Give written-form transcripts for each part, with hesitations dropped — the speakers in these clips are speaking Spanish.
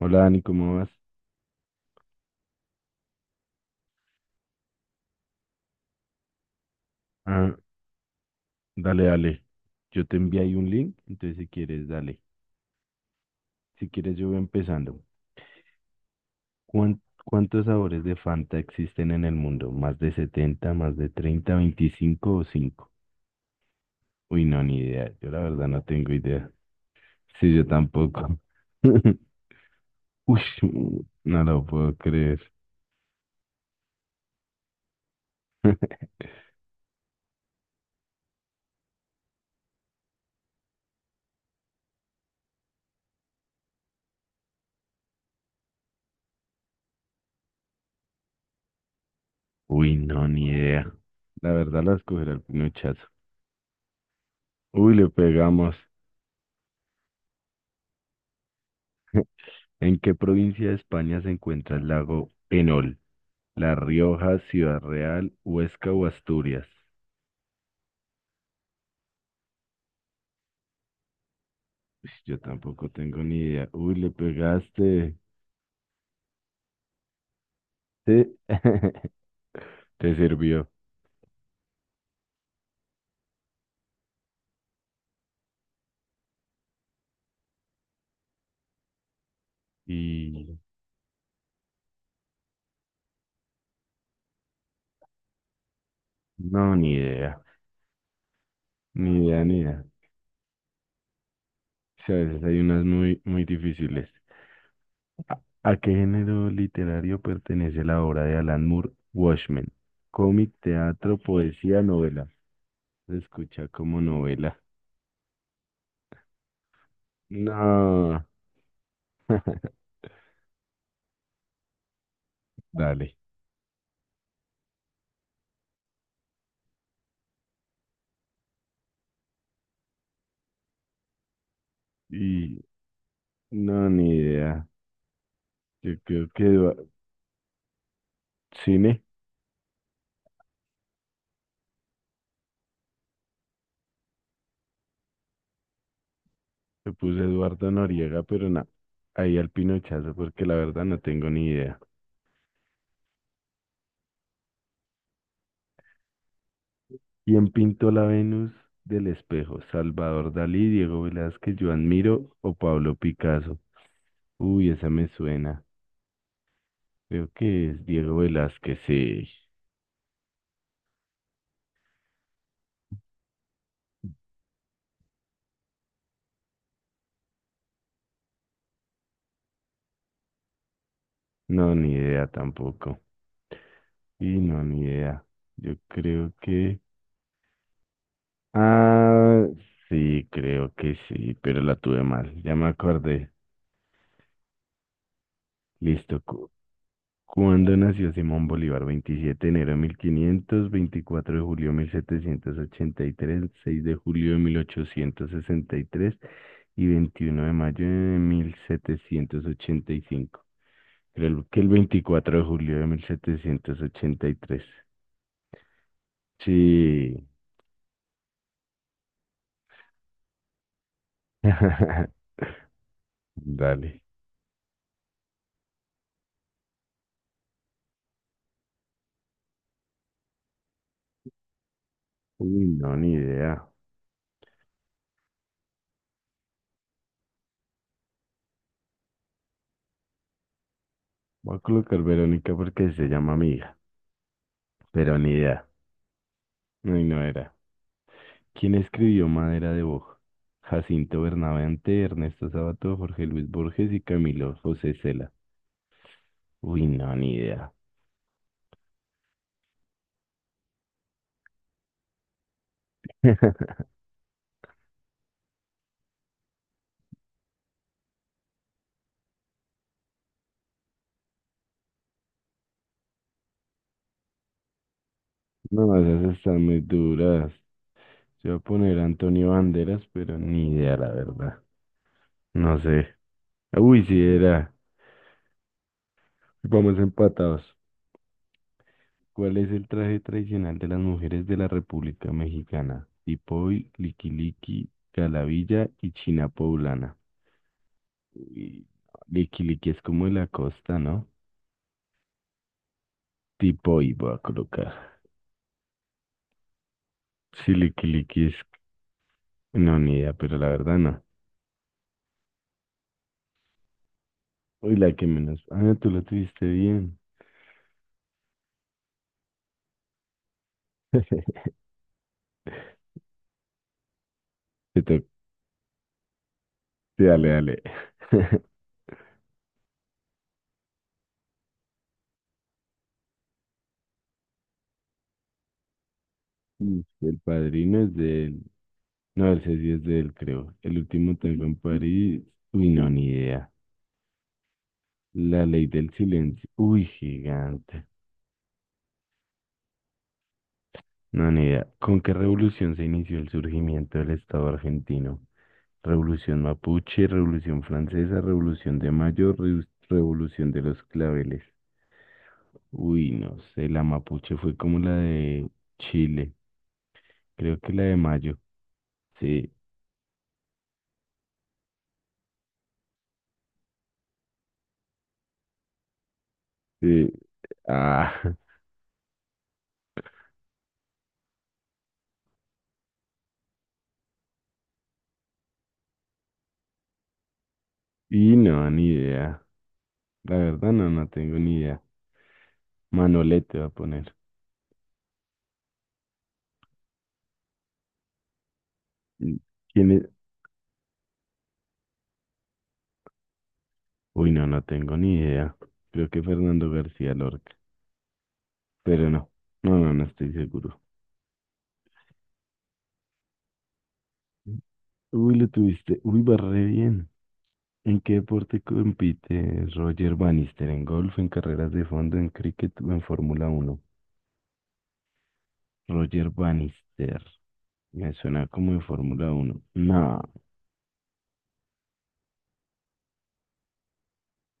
Hola Dani, ¿cómo vas? Ah, dale, dale. Yo te envié ahí un link, entonces si quieres, dale. Si quieres, yo voy empezando. ¿Cuántos sabores de Fanta existen en el mundo? ¿Más de 70, más de 30, 25 o cinco? Uy, no, ni idea. Yo la verdad no tengo idea. Sí, yo tampoco. Uy, no lo puedo creer. Uy, no, ni idea. La verdad la escogerá el pinochazo. Uy, le pegamos. ¿En qué provincia de España se encuentra el lago Enol? La Rioja, Ciudad Real, Huesca o Asturias. Uy, yo tampoco tengo ni idea. Uy, le pegaste. Sí. Te sirvió. Y no, ni idea. Ni idea, ni idea. Sí, a veces hay unas muy, muy difíciles. ¿A qué género literario pertenece la obra de Alan Moore, Watchmen? Cómic, teatro, poesía, novela. Se escucha como novela. No, dale. Y no, ni idea. Yo creo que va- cine. Le puse Eduardo Noriega, pero no, ahí al pinochazo porque la verdad no tengo ni idea. ¿Quién pintó la Venus del espejo? ¿Salvador Dalí, Diego Velázquez, Joan Miro o Pablo Picasso? Uy, esa me suena. Creo que es Diego Velázquez, sí. No, ni idea tampoco. Y no, ni idea. Yo creo que... Ah, sí, creo que sí, pero la tuve mal. Ya me acordé. Listo. ¿Cuándo nació Simón Bolívar? 27 de enero de 1500, 24 de julio de 1783, 6 de julio de 1863 y 21 de mayo de 1785. Creo que el 24 de julio de 1783. Sí. Dale. Uy, no, ni idea. Voy a colocar Verónica porque se llama amiga, pero ni idea. Ay, no era. ¿Quién escribió Madera de Boj? Jacinto Bernabente, Ernesto Sabato, Jorge Luis Borges y Camilo José Cela. Uy, no, ni idea. No, esas están muy duras. Yo voy a poner Antonio Banderas, pero ni idea, la verdad. No sé. Uy, sí era. Vamos empatados. ¿Cuál es el traje tradicional de las mujeres de la República Mexicana? Tipoy, liquiliqui, calavilla y china poblana. Uy, liquiliqui es como de la costa, ¿no? Tipo y voy a colocar. Si es. No, ni idea, pero la verdad no. Uy, la que menos. Ah, tú lo tuviste bien. Te to- sí, dale, dale. Mm, El Padrino es de él. No, el sí es de él, creo. El último tango en París. Uy, no, ni idea. La ley del silencio. Uy, gigante. No, ni idea. ¿Con qué revolución se inició el surgimiento del Estado argentino? Revolución mapuche, revolución francesa, revolución de mayo, revolución de los claveles. Uy, no sé, la mapuche fue como la de Chile, creo que la de mayo. Sí, sí. Ah, y no, ni idea. La verdad, no, no tengo ni idea. Manolete va a poner. Mm, ¿quién es? Uy, no, no tengo ni idea. Creo que Fernando García Lorca, pero no, no, no, no estoy seguro. Uy, lo tuviste. Uy, va re bien. ¿En qué deporte compite Roger Bannister? ¿En golf, en carreras de fondo, en cricket o en Fórmula Uno? Roger Bannister. Me suena como de Fórmula Uno. No,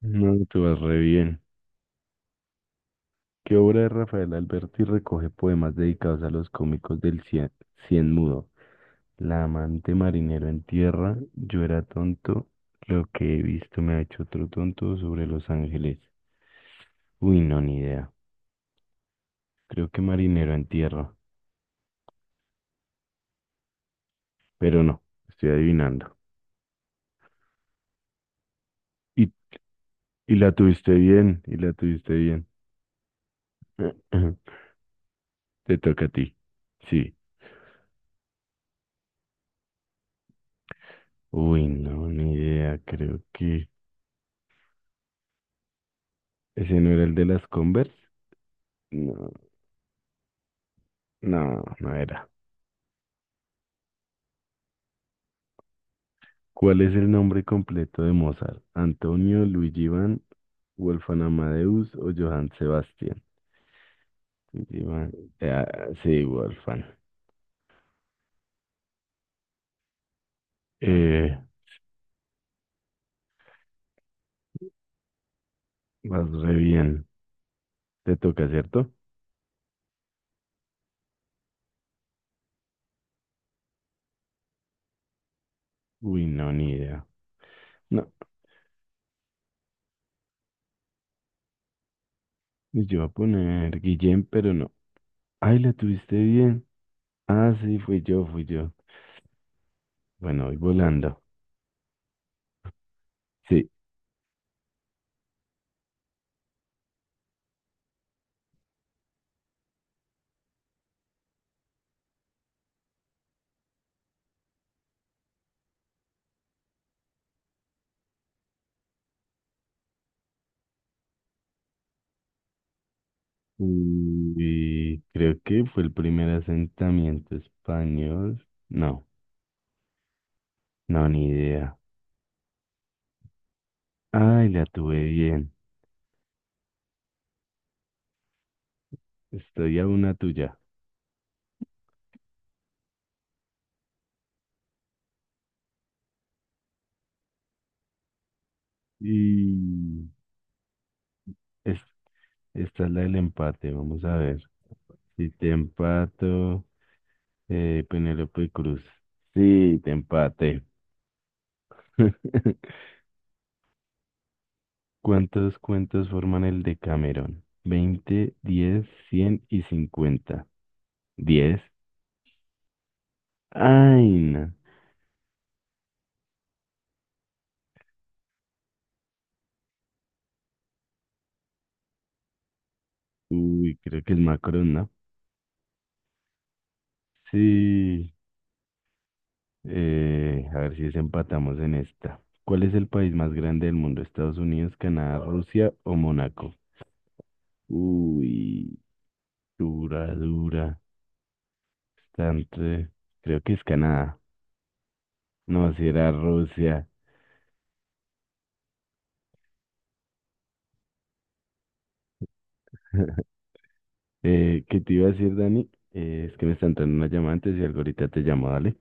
no, te vas re bien. ¿Qué obra de Rafael Alberti recoge poemas dedicados a los cómicos del cien, cien mudo? La amante marinero en tierra, yo era tonto, lo que he visto me ha hecho otro tonto sobre Los Ángeles. Uy, no, ni idea. Creo que marinero en tierra, pero no, estoy adivinando. Y, y la tuviste bien, y la tuviste bien. Te toca a ti. Sí. Uy, no, ni idea. Creo que ese no era el de las Converse. No, no, no era. ¿Cuál es el nombre completo de Mozart? ¿Antonio, Luigi Van, Wolfgang Amadeus o Johann Sebastian? Luigi Van. Ah, sí, Wolfgang. Eh, vas re bien. Te toca, ¿cierto? Uy, no, ni idea. No, yo iba a poner Guillem, pero no. Ay, la tuviste bien. Ah, sí, fui yo, fui yo. Bueno, voy volando. Sí. Y creo que fue el primer asentamiento español. No, no, ni idea. Ay, la tuve bien. Estoy a una tuya. Y es, esta es la del empate. Vamos a ver. Si te empato, Penélope Cruz. Sí, te empate. ¿Cuántos cuentos forman el Decamerón? 20, 10, 100 y 50. 10. Ay, no. Uy, creo que es Macron, ¿no? Sí, a ver si desempatamos en esta. ¿Cuál es el país más grande del mundo? ¿Estados Unidos, Canadá, Rusia o Mónaco? Uy, dura, dura. Bastante. Creo que es Canadá. No, si era Rusia. ¿Qué te iba a decir, Dani? Es que me está entrando una llamada antes y algo ahorita te llamo, dale.